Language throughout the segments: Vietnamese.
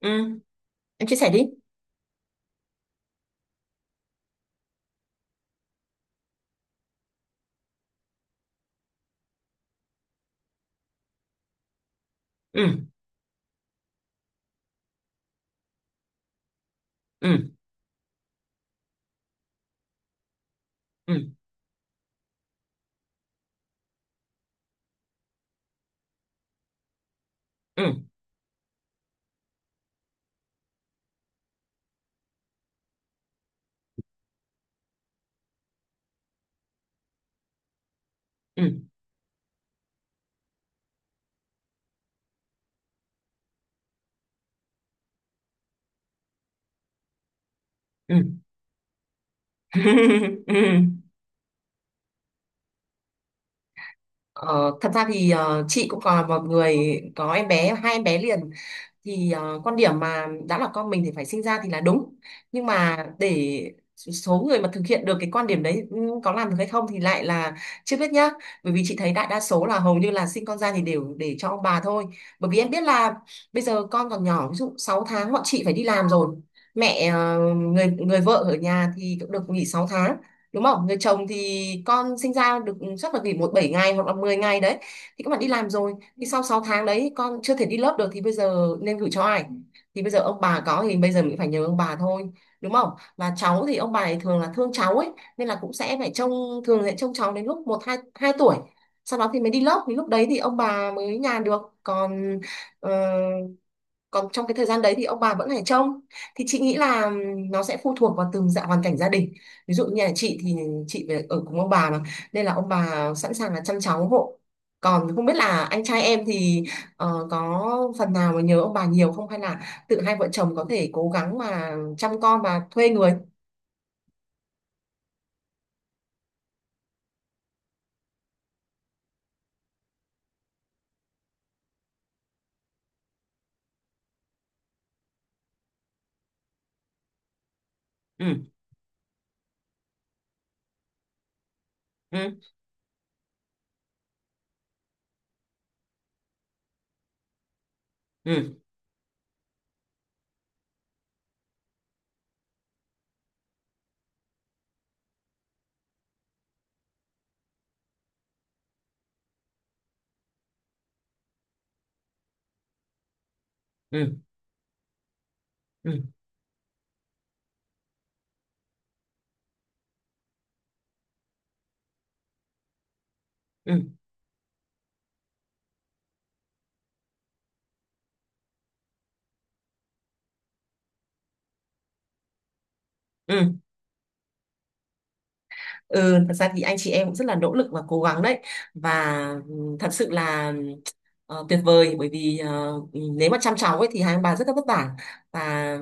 Ừ, em chia sẻ đi. Ừ. Ừ. Ừ. Ừ. Ừ. Ừ. Ừ. Ờ, Thật ra thì chị cũng còn là một người có em bé, hai em bé liền, thì quan điểm mà đã là con mình thì phải sinh ra thì là đúng, nhưng mà để số người mà thực hiện được cái quan điểm đấy, có làm được hay không thì lại là chưa biết nhá. Bởi vì chị thấy đại đa số là hầu như là sinh con ra thì đều để cho ông bà thôi. Bởi vì em biết là bây giờ con còn nhỏ, ví dụ 6 tháng bọn chị phải đi làm rồi, mẹ người người vợ ở nhà thì cũng được nghỉ 6 tháng, đúng không? Người chồng thì con sinh ra được chắc là nghỉ một 7 ngày hoặc là 10 ngày đấy. Thì các bạn đi làm rồi thì sau 6 tháng đấy con chưa thể đi lớp được thì bây giờ nên gửi cho ai? Thì bây giờ ông bà có thì bây giờ mình phải nhờ ông bà thôi, đúng không? Và cháu thì ông bà ấy thường là thương cháu ấy nên là cũng sẽ phải trông, thường sẽ trông cháu đến lúc một hai, 2 tuổi. Sau đó thì mới đi lớp thì lúc đấy thì ông bà mới nhàn được. Còn ờ, còn trong cái thời gian đấy thì ông bà vẫn phải trông. Thì chị nghĩ là nó sẽ phụ thuộc vào từng dạng hoàn cảnh gia đình. Ví dụ như là chị thì chị về ở cùng ông bà mà, nên là ông bà sẵn sàng là chăm cháu hộ. Còn không biết là anh trai em thì có phần nào mà nhớ ông bà nhiều không, hay là tự hai vợ chồng có thể cố gắng mà chăm con và thuê người. Ừ. Ừ. Ừ. Ừ. Ừ. Ừ. Ừ. Ừ, thật ra thì anh chị em cũng rất là nỗ lực và cố gắng đấy. Và thật sự là tuyệt vời, bởi vì nếu mà chăm cháu ấy thì hai ông bà rất là vất vả. Và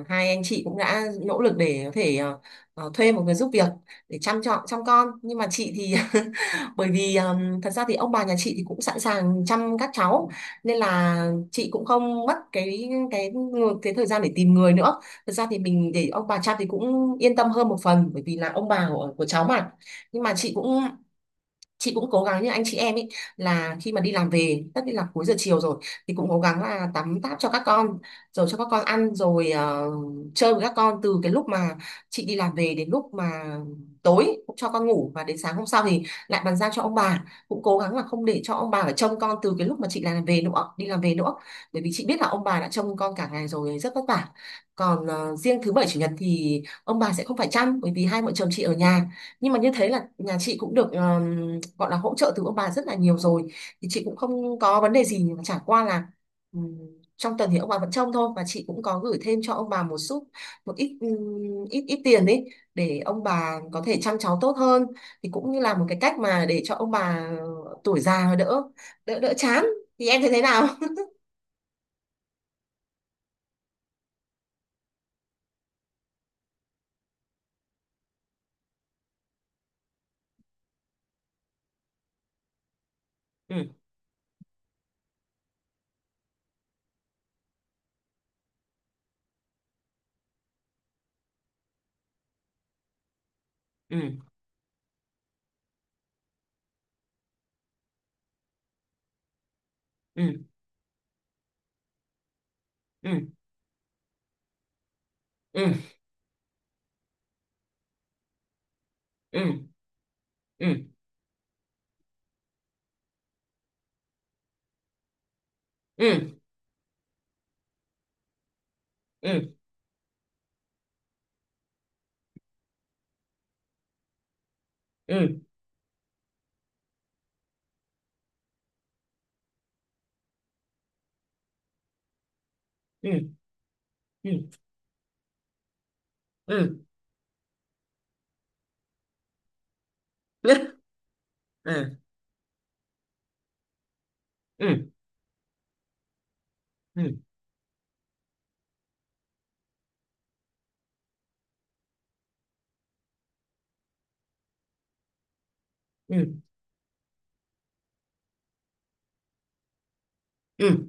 hai anh chị cũng đã nỗ lực để có thể thuê một người giúp việc để chăm con. Nhưng mà chị thì bởi vì thật ra thì ông bà nhà chị thì cũng sẵn sàng chăm các cháu, nên là chị cũng không mất cái thời gian để tìm người nữa. Thật ra thì mình để ông bà chăm thì cũng yên tâm hơn một phần, bởi vì là ông bà của cháu mà. Nhưng mà chị cũng cố gắng như anh chị em ấy, là khi mà đi làm về tất nhiên là cuối giờ chiều rồi, thì cũng cố gắng là tắm táp cho các con rồi cho các con ăn, rồi chơi với các con từ cái lúc mà chị đi làm về đến lúc mà tối, cũng cho con ngủ, và đến sáng hôm sau thì lại bàn giao cho ông bà. Cũng cố gắng là không để cho ông bà phải trông con từ cái lúc mà chị làm về nữa đi làm về nữa. Bởi vì chị biết là ông bà đã trông con cả ngày rồi, rất vất vả. Còn riêng thứ bảy chủ nhật thì ông bà sẽ không phải chăm bởi vì hai vợ chồng chị ở nhà. Nhưng mà như thế là nhà chị cũng được gọi là hỗ trợ từ ông bà rất là nhiều rồi, thì chị cũng không có vấn đề gì. Nhưng mà chả qua là ừm, trong tuần thì ông bà vẫn trông thôi, và chị cũng có gửi thêm cho ông bà một chút, một ít ít ít tiền ấy, để ông bà có thể chăm cháu tốt hơn. Thì cũng như là một cái cách mà để cho ông bà tuổi già đỡ đỡ đỡ chán. Thì em thấy thế nào? Ừ. Ừ. Ừ. Ừ. Ừ. Ừ. Ừ. Ừ. Ừ. Ừ. Ừ. Ừ. Ừ. Ừ. Ừ. Ừ. Ừ. Ừ. Ừ. Ừ.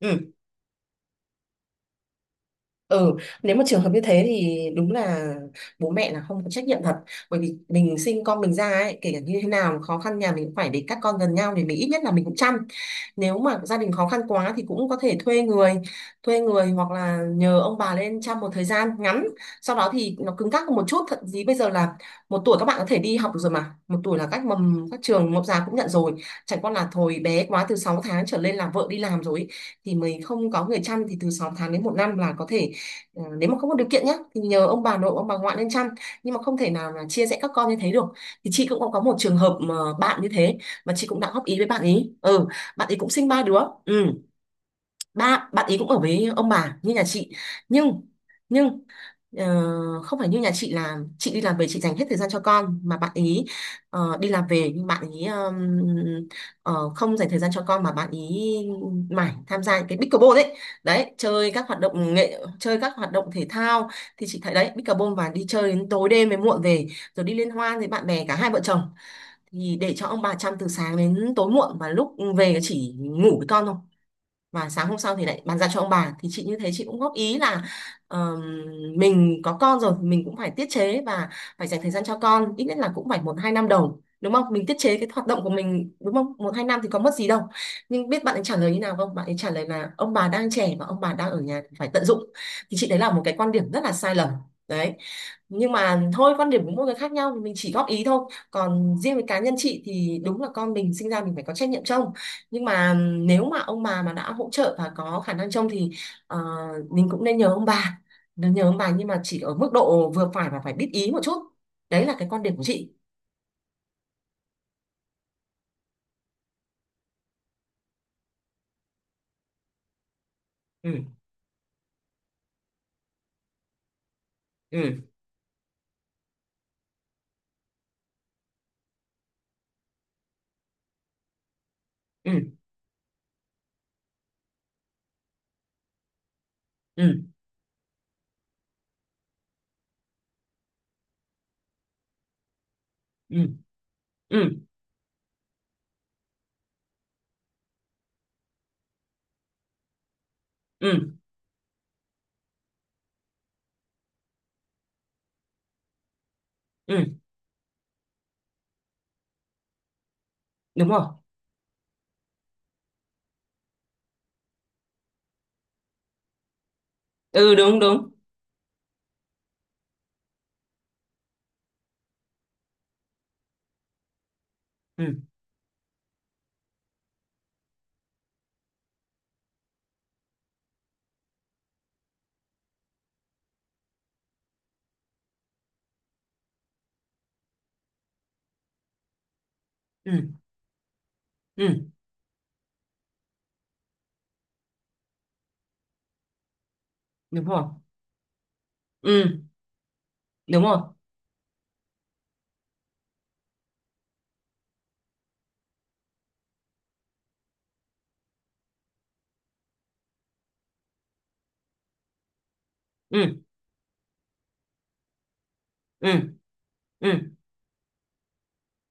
Ừ. Ừ. Nếu mà trường hợp như thế thì đúng là bố mẹ là không có trách nhiệm thật. Bởi vì mình sinh con mình ra ấy, kể cả như thế nào khó khăn nhà mình cũng phải để các con gần nhau, thì mình ít nhất là mình cũng chăm. Nếu mà gia đình khó khăn quá thì cũng có thể thuê người, thuê người hoặc là nhờ ông bà lên chăm một thời gian ngắn. Sau đó thì nó cứng cáp hơn một chút, thậm chí bây giờ là một tuổi các bạn có thể đi học được rồi, mà một tuổi là các trường mẫu giáo cũng nhận rồi. Chẳng qua là thôi, bé quá, từ 6 tháng trở lên là vợ đi làm rồi ấy, thì mình không có người chăm thì từ 6 tháng đến một năm là có thể nếu mà không có điều kiện nhé thì nhờ ông bà nội ông bà ngoại lên chăm. Nhưng mà không thể nào là chia rẽ các con như thế được. Thì chị cũng có một trường hợp mà bạn như thế, mà chị cũng đã góp ý với bạn ý. Ừ. Bạn ấy cũng sinh ba đứa. Ừ. Ba bạn ấy cũng ở với ông bà như nhà chị. Nhưng nhưng ờ, không phải như nhà chị là chị đi làm về chị dành hết thời gian cho con, mà bạn ý đi làm về nhưng bạn ý ờ, không dành thời gian cho con, mà bạn ý mải tham gia những cái pickleball đấy, đấy chơi các hoạt động thể thao. Thì chị thấy đấy, pickleball và đi chơi đến tối đêm mới muộn về, rồi đi liên hoan với bạn bè, cả hai vợ chồng, thì để cho ông bà chăm từ sáng đến tối muộn. Và lúc về chỉ ngủ với con thôi, và sáng hôm sau thì lại bàn giao cho ông bà. Thì chị như thế, chị cũng góp ý là ờm, mình có con rồi thì mình cũng phải tiết chế và phải dành thời gian cho con, ít nhất là cũng phải một hai năm đầu, đúng không? Mình tiết chế cái hoạt động của mình, đúng không? Một hai năm thì có mất gì đâu. Nhưng biết bạn ấy trả lời như nào không? Bạn ấy trả lời là ông bà đang trẻ và ông bà đang ở nhà thì phải tận dụng. Thì chị, đấy là một cái quan điểm rất là sai lầm đấy. Nhưng mà thôi, quan điểm của mỗi người khác nhau thì mình chỉ góp ý thôi. Còn riêng với cá nhân chị thì đúng là con mình sinh ra mình phải có trách nhiệm trông. Nhưng mà nếu mà ông bà mà đã hỗ trợ và có khả năng trông thì ờ, mình cũng nên nhờ ông bà, nhưng mà chỉ ở mức độ vừa phải và phải biết ý một chút. Đấy là cái quan điểm của chị. Ừ. Ừ. Ừ. Ừ. Ừ. Ừ. Ừ. Ừ. Đúng rồi. Ừ. Đúng, đúng. Ừ. Ừ. Ừ. Đúng rồi. Ừ. Đúng rồi. Ừ. Ừ. Ừ.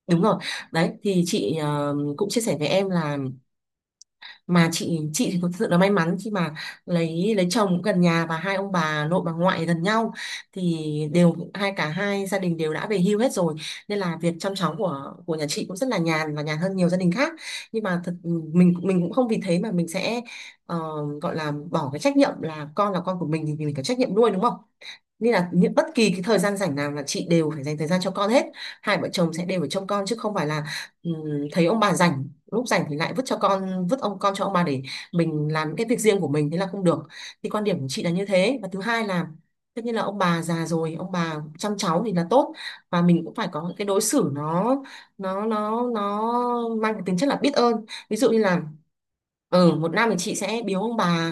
Đúng rồi. Đấy thì chị cũng chia sẻ với em là mà chị thì thực sự là may mắn khi mà lấy chồng cũng gần nhà và hai ông bà nội bà ngoại gần nhau, thì đều hai cả hai gia đình đều đã về hưu hết rồi, nên là việc chăm cháu của nhà chị cũng rất là nhàn và nhàn hơn nhiều gia đình khác. Nhưng mà mình cũng không vì thế mà mình sẽ ờ, gọi là bỏ cái trách nhiệm, là con của mình thì mình có trách nhiệm nuôi, đúng không? Nên là những bất kỳ cái thời gian rảnh nào là chị đều phải dành thời gian cho con hết. Hai vợ chồng sẽ đều phải trông con, chứ không phải là ừm, thấy ông bà rảnh, lúc rảnh thì lại vứt ông con cho ông bà để mình làm những cái việc riêng của mình, thế là không được. Thì quan điểm của chị là như thế. Và thứ hai là, tất nhiên là ông bà già rồi, ông bà chăm cháu thì là tốt, và mình cũng phải có những cái đối xử nó mang cái tính chất là biết ơn. Ví dụ như là một năm thì chị sẽ biếu ông bà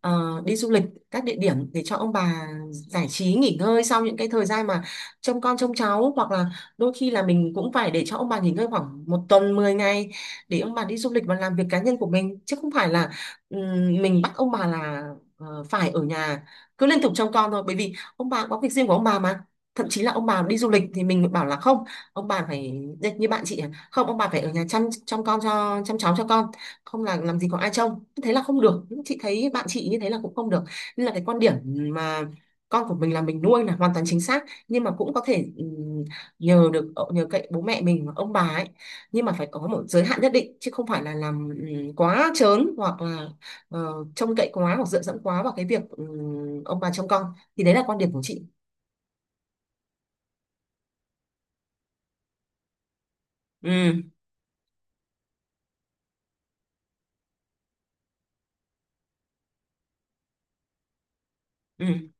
đi du lịch các địa điểm để cho ông bà giải trí nghỉ ngơi sau những cái thời gian mà trông con trông cháu. Hoặc là đôi khi là mình cũng phải để cho ông bà nghỉ ngơi khoảng một tuần 10 ngày, để ông bà đi du lịch và làm việc cá nhân của mình, chứ không phải là mình bắt ông bà là phải ở nhà cứ liên tục trông con thôi. Bởi vì ông bà có việc riêng của ông bà mà, thậm chí là ông bà đi du lịch thì mình bảo là không, ông bà phải như như bạn chị à, không, ông bà phải ở nhà chăm chăm con cho, chăm cháu cho con, không là làm gì có ai trông, thế là không được. Chị thấy bạn chị như thế là cũng không được. Nên là cái quan điểm mà con của mình là mình nuôi là hoàn toàn chính xác, nhưng mà cũng có thể nhờ được nhờ cậy bố mẹ mình và ông bà ấy, nhưng mà phải có một giới hạn nhất định, chứ không phải là làm quá trớn hoặc là ờ, trông cậy quá hoặc dựa dẫm quá vào cái việc ông bà trông con. Thì đấy là quan điểm của chị. Ừ. Ừ.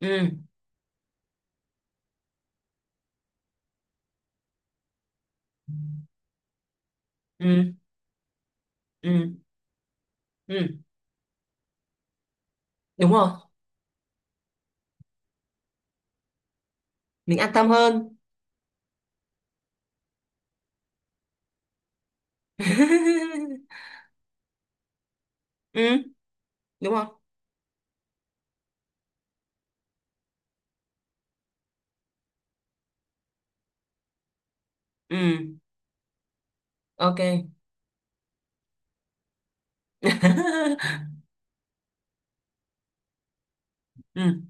Ừ. Ừ. Ừ. Ừ. Đúng rồi. Mình an tâm hơn. Ừ. Đúng không? Ừ. OK. Ừ.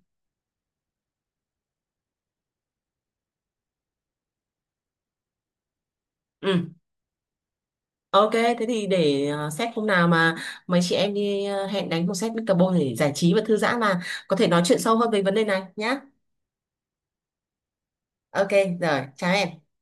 Ừ. OK, thế thì để xét hôm nào mà mấy chị em đi hẹn đánh một set Mr. Bone để giải trí và thư giãn, mà có thể nói chuyện sâu hơn về vấn đề này nhá. OK. Rồi, chào em.